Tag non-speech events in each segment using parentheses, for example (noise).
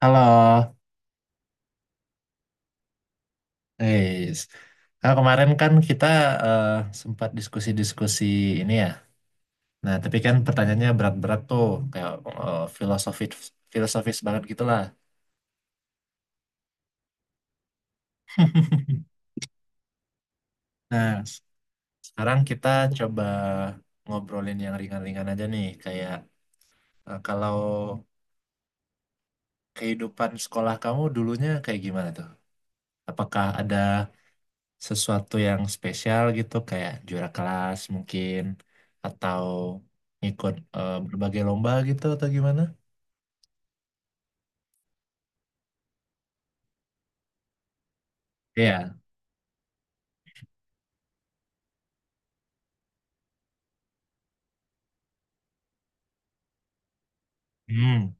Halo, guys. Nah, kemarin kan kita eh, sempat diskusi-diskusi ini ya. Nah, tapi kan pertanyaannya berat-berat tuh, kayak filosofis filosofis banget gitulah. (laughs) Nah, sekarang kita coba ngobrolin yang ringan-ringan aja nih, kayak kalau kehidupan sekolah kamu dulunya kayak gimana tuh? Apakah ada sesuatu yang spesial gitu kayak juara kelas mungkin atau ikut berbagai lomba gitu atau gimana? Iya. Hmm.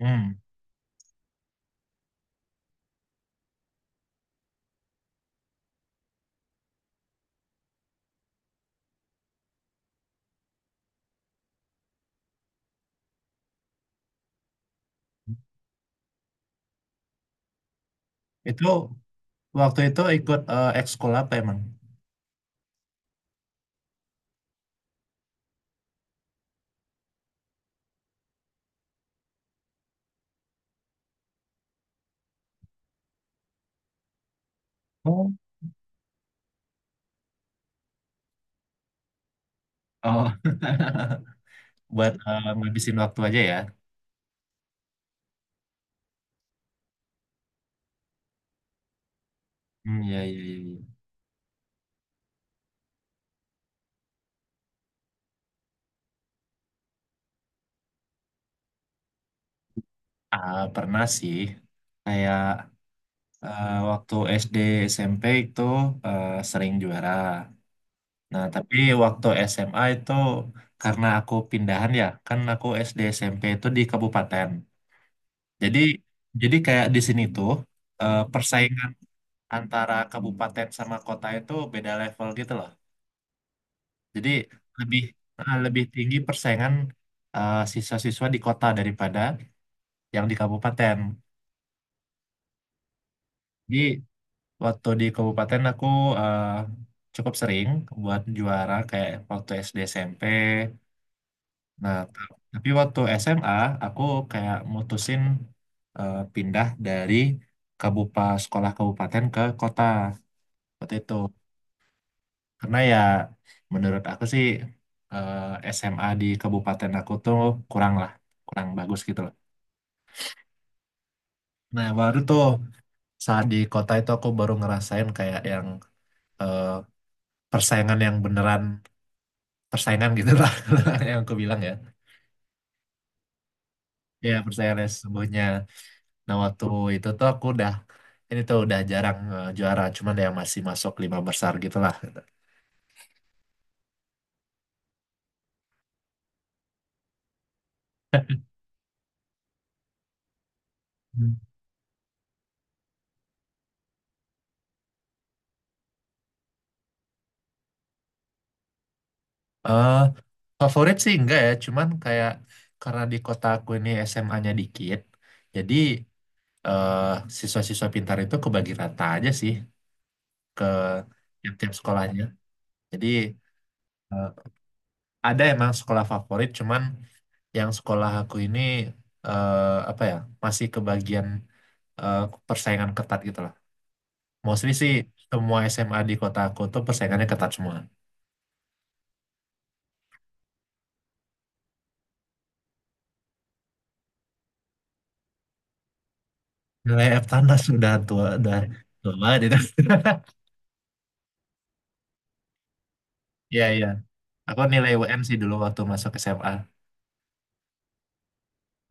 Hmm. Itu waktu itu ikut ekskul apa emang? Oh. Oh. (laughs) Buat ngabisin waktu aja ya. Hmm, ya, ya, ya, ya. Ah, pernah sih. Kayak waktu SD SMP itu sering juara. Nah, tapi waktu SMA itu karena aku pindahan ya, kan aku SD SMP itu di kabupaten. Jadi jadi kayak di sini tuh persaingan antara kabupaten sama kota itu beda level gitu loh. Jadi lebih lebih tinggi persaingan siswa-siswa di kota daripada yang di kabupaten. Jadi waktu di kabupaten aku eh, cukup sering buat juara kayak waktu SD SMP. Nah, t- tapi waktu SMA aku kayak mutusin pindah dari sekolah kabupaten ke kota waktu itu. Karena ya menurut aku sih eh, SMA di kabupaten aku tuh kurang lah, kurang bagus gitu loh. Nah, baru tuh saat di kota itu aku baru ngerasain kayak yang eh, persaingan yang beneran persaingan gitu lah (laughs) yang aku bilang ya. Ya, persaingan yang sesungguhnya. Nah, waktu itu tuh aku udah ini tuh udah jarang juara, cuman ya masih masuk 5 besar gitu lah. Hmm. (laughs) Eh, favorit sih enggak ya, cuman kayak karena di kota aku ini SMA-nya dikit, jadi eh, siswa-siswa pintar itu kebagi rata aja sih ke tiap-tiap sekolahnya. Jadi eh, ada emang sekolah favorit, cuman yang sekolah aku ini eh, apa ya, masih kebagian eh, persaingan ketat gitu lah. Mostly sih semua SMA di kota aku tuh persaingannya ketat semua. Nilai Eptanas sudah tua, udah tua banget itu. (laughs) Iya, iya. Aku nilai UN sih dulu waktu masuk SMA.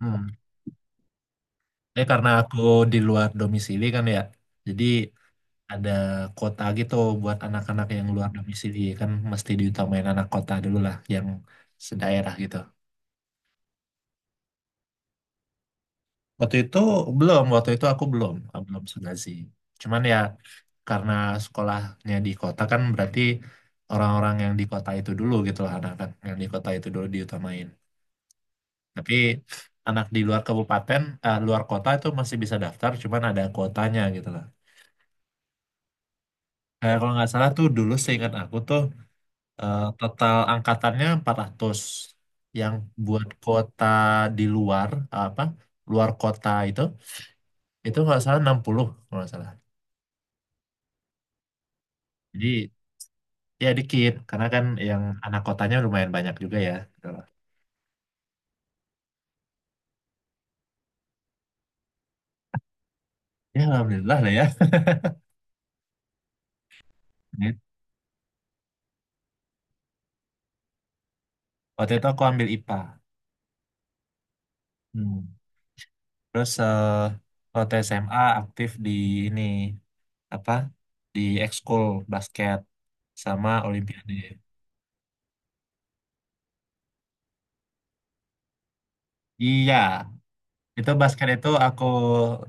Hmm. Tapi karena aku di luar domisili kan ya, jadi ada kota gitu buat anak-anak yang luar domisili kan mesti diutamain anak kota dulu lah yang sedaerah gitu. Waktu itu belum, waktu itu aku belum segazi. Cuman ya karena sekolahnya di kota kan berarti orang-orang yang di kota itu dulu gitu lah, anak-anak yang di kota itu dulu diutamain. Tapi anak di luar kabupaten, eh, luar kota itu masih bisa daftar, cuman ada kuotanya gitu lah. Kayak kalau nggak salah tuh dulu seingat aku tuh total angkatannya 400, yang buat kota di luar apa luar kota itu nggak salah 60 kalau nggak salah. Jadi, ya dikit, karena kan yang anak kotanya lumayan banyak juga ya. Gitu loh. Ya alhamdulillah lah ya. Ini, waktu itu aku ambil IPA. Hmm. Terus waktu SMA aktif di ini apa? Di ekskul basket sama Olimpiade. Iya, itu basket itu aku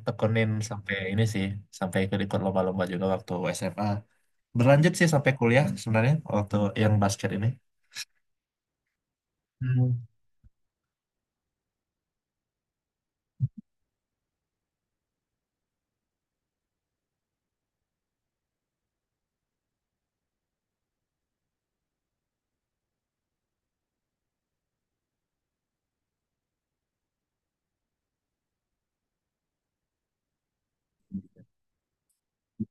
tekunin sampai ini sih, sampai ikut-ikut lomba-lomba juga waktu SMA. Berlanjut sih sampai kuliah sebenarnya waktu yang basket ini. Hmm.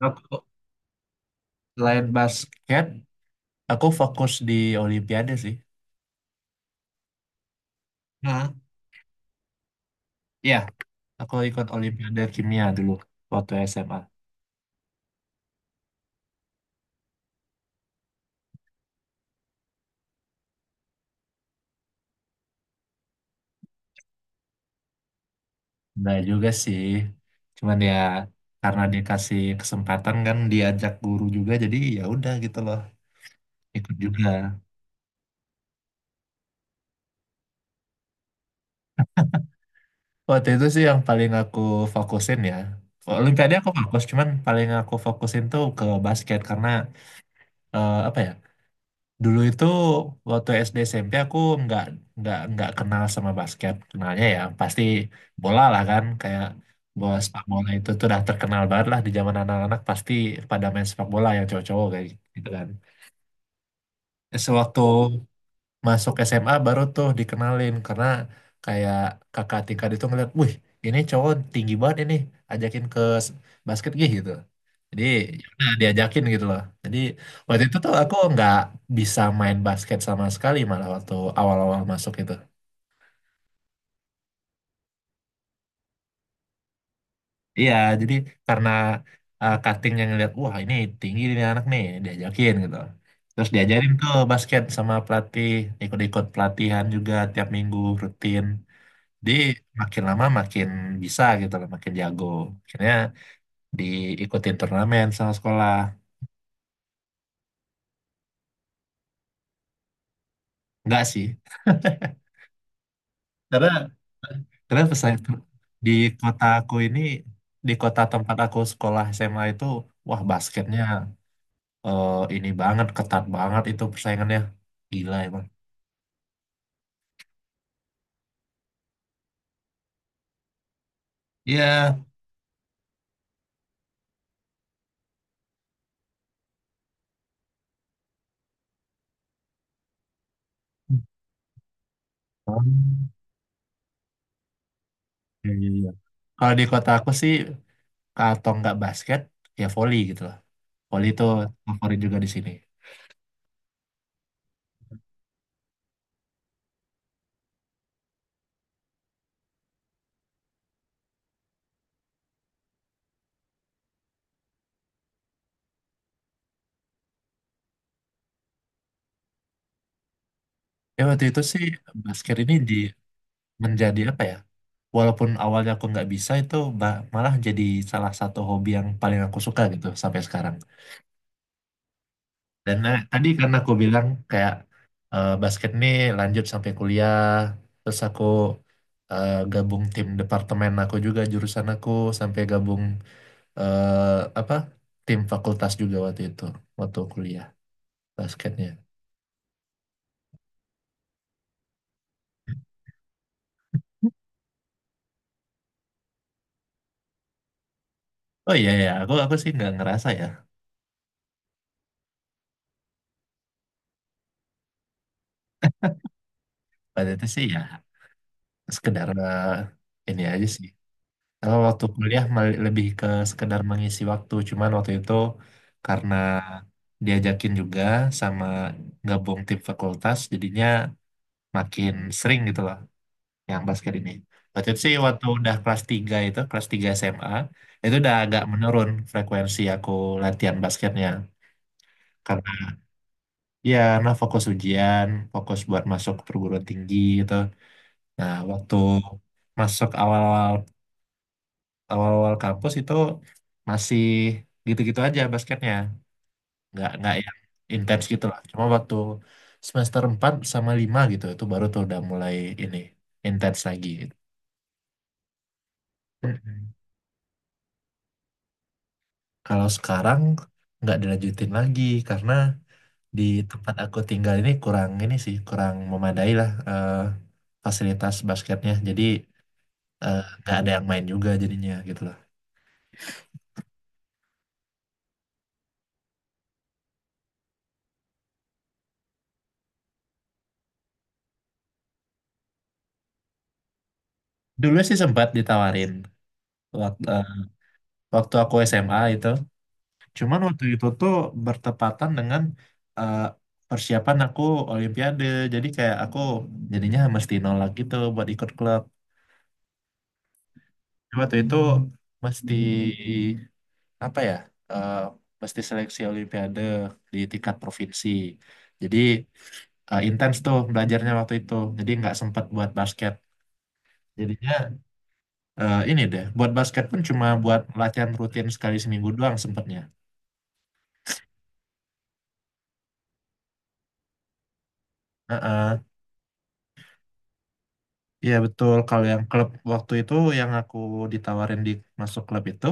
Aku, selain basket, aku fokus di Olimpiade sih. Hmm. Ya, aku ikut Olimpiade Kimia dulu waktu SMA. Nah juga sih. Cuman ya karena dikasih kesempatan kan diajak guru juga jadi ya udah gitu loh ikut juga. Waktu itu sih yang paling aku fokusin ya. Olimpiade aku fokus, cuman paling aku fokusin tuh ke basket karena apa ya? Dulu itu waktu SD SMP aku nggak nggak kenal sama basket, kenalnya ya pasti bola lah kan, kayak bola sepak bola itu tuh udah terkenal banget lah di zaman anak-anak pasti pada main sepak bola yang cowok-cowok kayak gitu kan. Sewaktu, oh, masuk SMA baru tuh dikenalin karena kayak kakak tingkat itu ngeliat, wih ini cowok tinggi banget ini, ajakin ke s- basket gih gitu. Jadi ya udah diajakin gitu loh. Jadi waktu itu tuh aku nggak bisa main basket sama sekali malah waktu awal-awal masuk itu. Iya, jadi karena cutting yang ngeliat, wah ini tinggi ini anak nih, diajakin gitu. Terus diajarin tuh basket sama pelatih, ikut-ikut pelatihan juga tiap minggu rutin. di Makin lama makin bisa gitu loh, makin jago. Akhirnya diikutin turnamen sama sekolah. Enggak sih, karena karena pesaing tur- di kota aku ini, di kota tempat aku sekolah SMA itu, wah basketnya ini banget, ketat banget itu persaingannya. Gila emang. Iya. Oh, iya, iya, iya. Kalau di kota aku sih, atau nggak basket, ya volley gitu loh. Volley itu favorit juga di sini. Ya waktu itu sih basket ini menjadi apa ya? Walaupun awalnya aku nggak bisa malah jadi salah satu hobi yang paling aku suka gitu sampai sekarang. Dan tadi karena aku bilang kayak basket nih lanjut sampai kuliah, terus aku gabung tim departemen aku juga jurusan aku sampai gabung eh, apa tim fakultas juga waktu itu waktu kuliah basketnya. Oh iya ya, aku sih nggak ngerasa ya. Pada itu sih ya sekedar ini aja sih. Kalau waktu kuliah lebih ke sekedar mengisi waktu, cuman waktu itu karena diajakin juga sama gabung tim fakultas, jadinya makin sering gitu loh yang basket ini. Waktu itu sih waktu udah kelas 3 itu, kelas 3 SMA, itu udah agak menurun frekuensi aku latihan basketnya. Karena ya karena fokus ujian, fokus buat masuk perguruan tinggi gitu. Nah, waktu masuk awal-awal kampus itu masih gitu-gitu aja basketnya nggak yang intens gitu lah, cuma waktu semester 4 sama 5 gitu itu baru tuh udah mulai ini intens lagi gitu. Mhm. Kalau sekarang nggak dilanjutin lagi karena di tempat aku tinggal ini kurang ini sih kurang memadai lah fasilitas basketnya, jadi nggak ada yang main juga jadinya gitu loh. Dulu sih sempat ditawarin waktu, waktu aku SMA itu. Cuman waktu itu tuh bertepatan dengan eh, persiapan aku Olimpiade. Jadi kayak aku jadinya mesti nolak gitu buat ikut klub. Jadi waktu itu mesti apa ya? eh, mesti seleksi Olimpiade di tingkat provinsi. Jadi intens tuh belajarnya waktu itu. Jadi nggak sempat buat basket. Jadinya ini deh, buat basket pun cuma buat latihan rutin sekali seminggu doang sempatnya. Iya betul, kalau yang klub waktu itu yang aku ditawarin di masuk klub itu,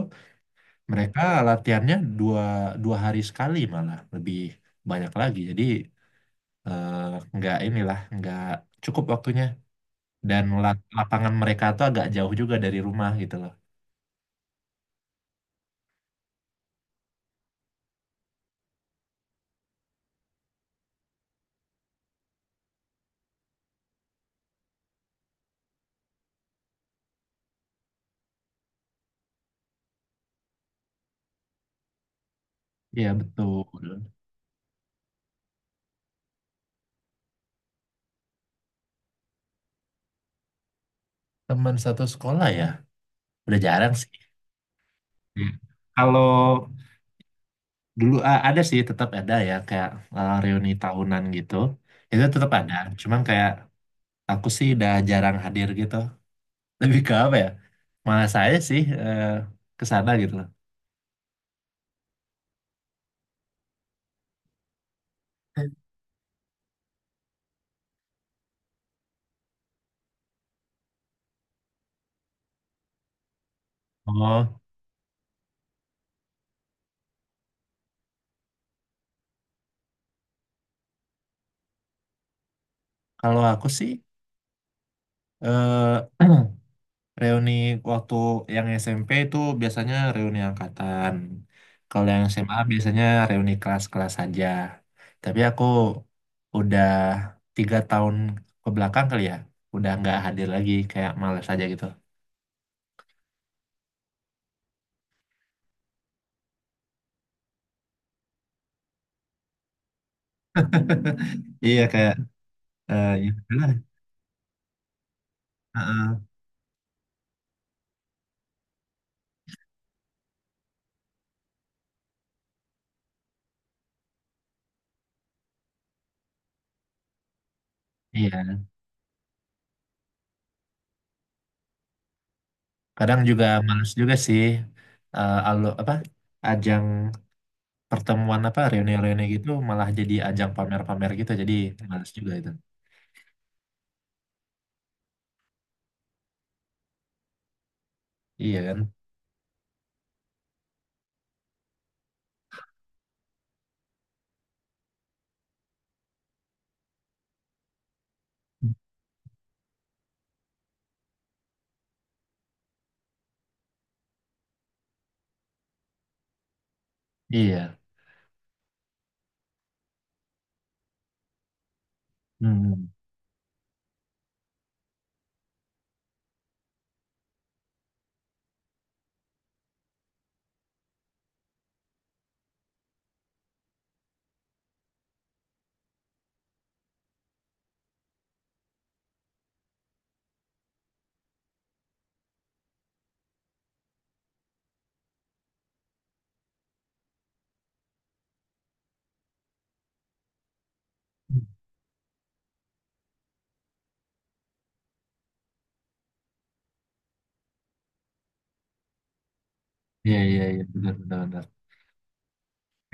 mereka latihannya dua hari sekali malah, lebih banyak lagi. Jadi eh, nggak inilah, nggak cukup waktunya. Dan lapangan mereka tuh agak jauh juga dari rumah gitu loh. Iya betul. Teman satu sekolah ya, udah jarang sih. Iya. Kalau dulu ada sih, tetap ada ya kayak reuni tahunan gitu. Itu tetap ada, cuman kayak aku sih udah jarang hadir gitu. Lebih ke apa ya? Malah saya sih ke sana gitu loh. Oh, kalau aku sih eh (clears throat) reuni waktu yang SMP itu biasanya reuni angkatan. Kalau yang SMA biasanya reuni kelas-kelas saja. Tapi aku udah 3 tahun ke belakang kali ya, udah nggak hadir lagi, kayak males aja gitu. (laughs) Iya kayak ya udahlah. Heeh. Iya, kadang juga males juga sih eh alu apa ajang pertemuan apa reuni-reuni gitu malah jadi ajang pamer-pamer gitu, jadi males juga itu. Iya kan. Iya. Hmm. Iya, iya, iya, benar, benar, benar.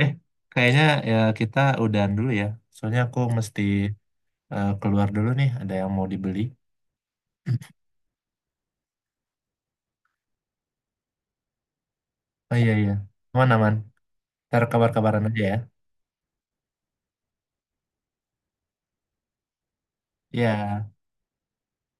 eh Kayaknya ya kita udahan dulu ya, soalnya aku mesti keluar dulu nih, ada yang mau dibeli. Oh iya iya, mana man ntar kabar-kabaran aja ya. Iya.